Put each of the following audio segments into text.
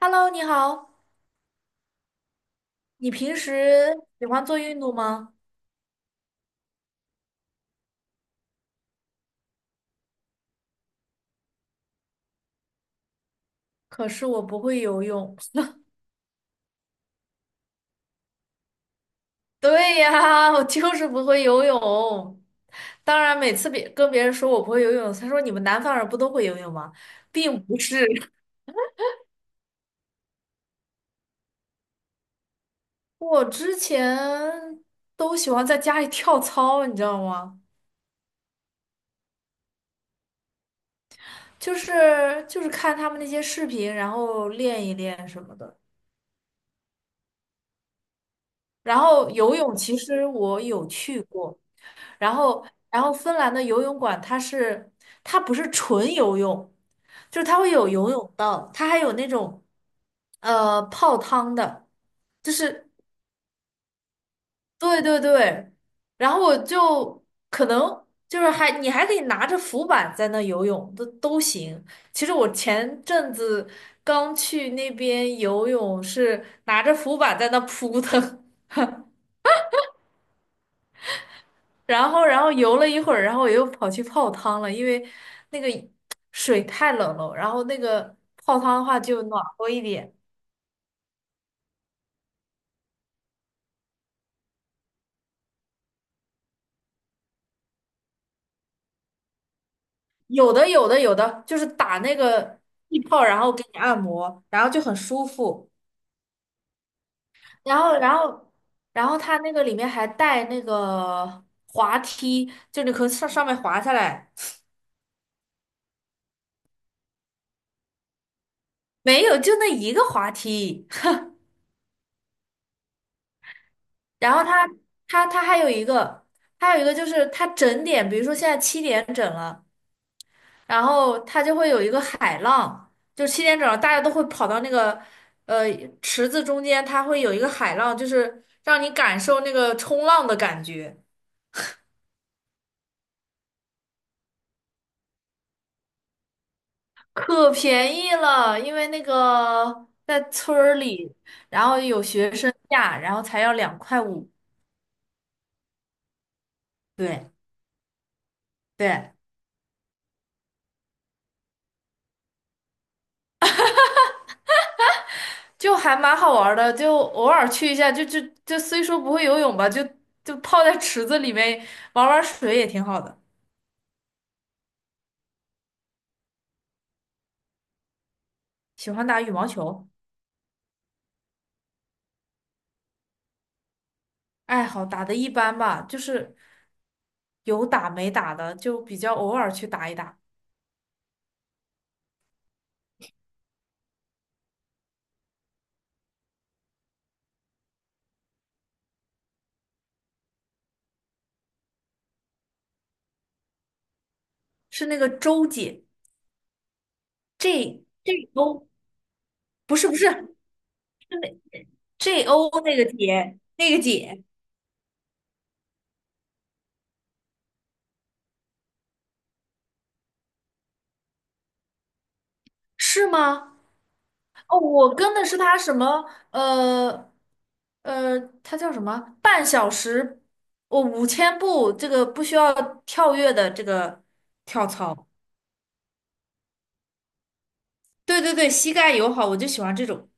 Hello，你好，你平时喜欢做运动吗？可是我不会游泳。对呀，我就是不会游泳。当然，每次别跟别人说我不会游泳，他说你们南方人不都会游泳吗？并不是。我之前都喜欢在家里跳操，你知道吗？就是看他们那些视频，然后练一练什么的。然后游泳其实我有去过，然后芬兰的游泳馆它是它不是纯游泳，就是它会有游泳道，它还有那种泡汤的，就是对对对，然后我就可能就是还你还可以拿着浮板在那游泳都行。其实我前阵子刚去那边游泳是拿着浮板在那扑腾。然后游了一会儿，然后我又跑去泡汤了，因为那个 水太冷了，然后那个泡汤的话就暖和一点。有的，有的，有的，就是打那个气泡，然后给你按摩，然后就很舒服。然后，然后，然后它那个里面还带那个滑梯，就你可以上面滑下来。没有，就那一个滑梯。然后它还有一个，还有一个就是它整点，比如说现在七点整了。然后它就会有一个海浪，就七点整大家都会跑到那个呃池子中间，它会有一个海浪，就是让你感受那个冲浪的感觉。可便宜了，因为那个在村儿里，然后有学生价，然后才要2块5。对对，就还蛮好玩儿的，就偶尔去一下，就虽说不会游泳吧，就泡在池子里面玩玩水也挺好的。喜欢打羽毛球。爱好打的一般吧，就是有打没打的，就比较偶尔去打一打。是那个周姐，J J O，不是不是，是那 J O 那个姐，那个姐是吗？哦，我跟的是她什么呃，她叫什么？半小时，我5000步，这个不需要跳跃的这个跳操。对对对，膝盖友好，我就喜欢这种。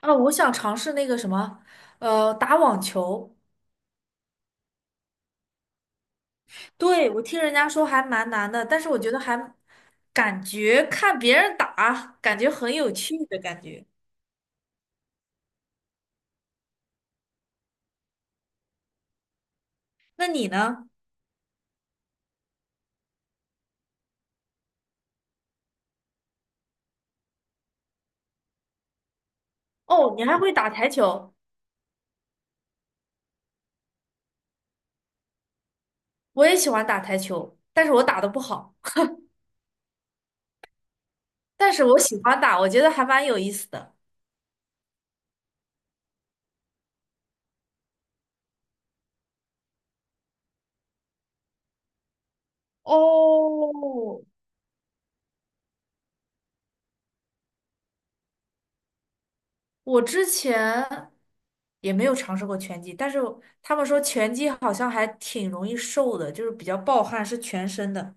啊，我想尝试那个什么，打网球。对，我听人家说还蛮难的，但是我觉得还感觉看别人打，感觉很有趣的感觉。那你呢？哦，你还会打台球？我也喜欢打台球，但是我打的不好，但是我喜欢打，我觉得还蛮有意思的。哦，我之前也没有尝试过拳击，但是他们说拳击好像还挺容易瘦的，就是比较暴汗，是全身的。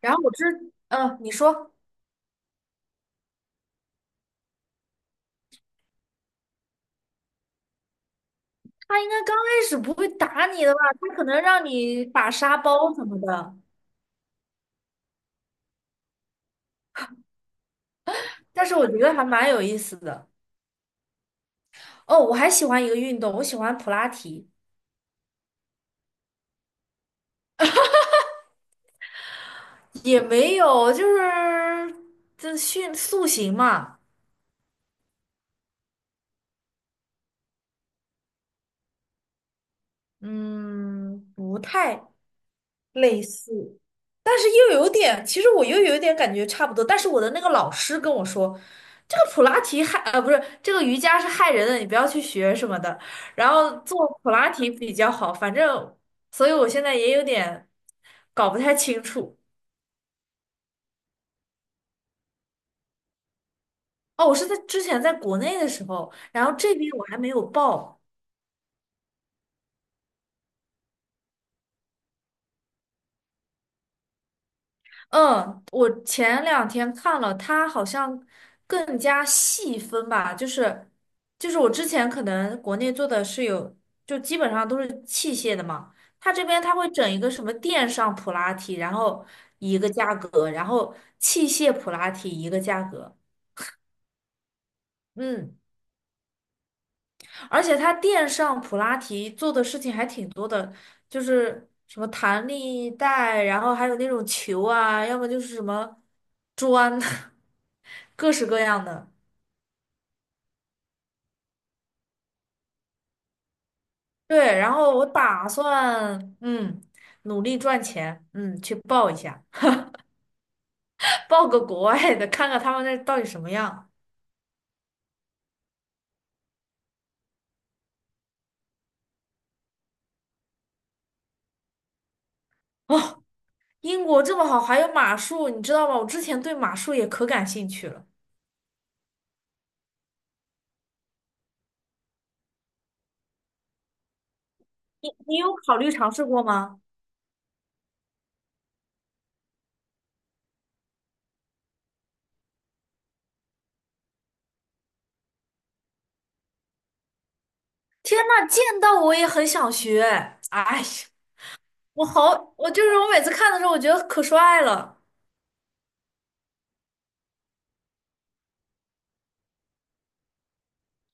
然后我知，嗯、你说他应该刚开始不会打你的吧？他可能让你把沙包什么的，但是我觉得还蛮有意思的。哦，我还喜欢一个运动，我喜欢普拉提。也没有，就是这训塑形嘛。嗯，不太类似。但是又有点，其实我又有点感觉差不多。但是我的那个老师跟我说，这个普拉提害，不是，这个瑜伽是害人的，你不要去学什么的。然后做普拉提比较好，反正，所以我现在也有点搞不太清楚。哦，我是在之前在国内的时候，然后这边我还没有报。嗯，我前两天看了，它好像更加细分吧，就是我之前可能国内做的是有，就基本上都是器械的嘛，它这边它会整一个什么电上普拉提，然后一个价格，然后器械普拉提一个价格。嗯。而且他垫上普拉提做的事情还挺多的，就是什么弹力带，然后还有那种球啊，要么就是什么砖，各式各样的。对，然后我打算努力赚钱，嗯去报一下，报个国外的，看看他们那到底什么样。英国这么好，还有马术，你知道吗？我之前对马术也可感兴趣了。你有考虑尝试过吗？天呐，见到我也很想学。哎呀，我好，我就是我每次看的时候，我觉得可帅了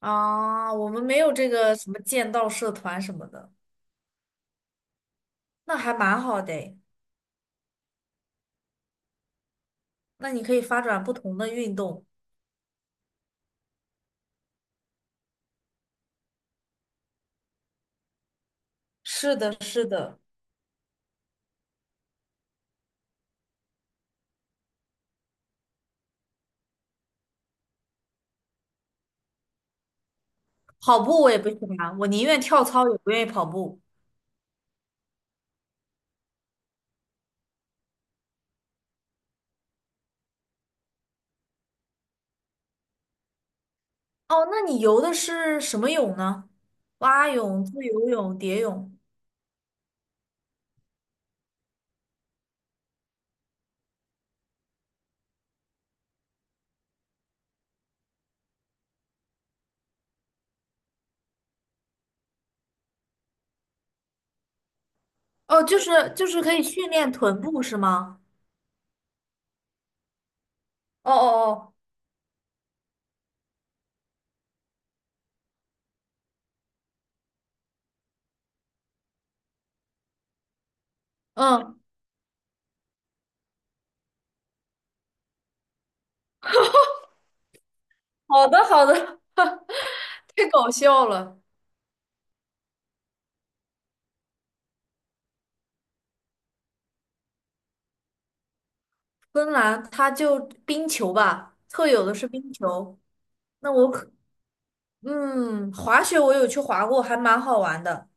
啊！我们没有这个什么剑道社团什么的，那还蛮好的诶。那你可以发展不同的运动。是的，是的，跑步我也不喜欢，我宁愿跳操也不愿意跑步。哦，那你游的是什么泳呢？蛙泳、自由泳、蝶泳。哦，就是就是可以训练臀部是吗？哦哦哦，嗯，好的好的。太搞笑了。芬兰它就冰球吧，特有的是冰球。那我可，嗯，滑雪我有去滑过，还蛮好玩的，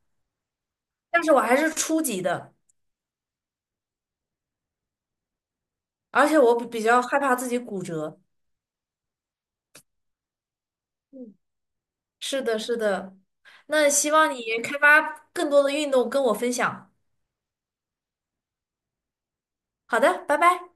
但是我还是初级的，而且我比较害怕自己骨折。嗯，是的，是的。那希望你开发更多的运动跟我分享。好的，拜拜。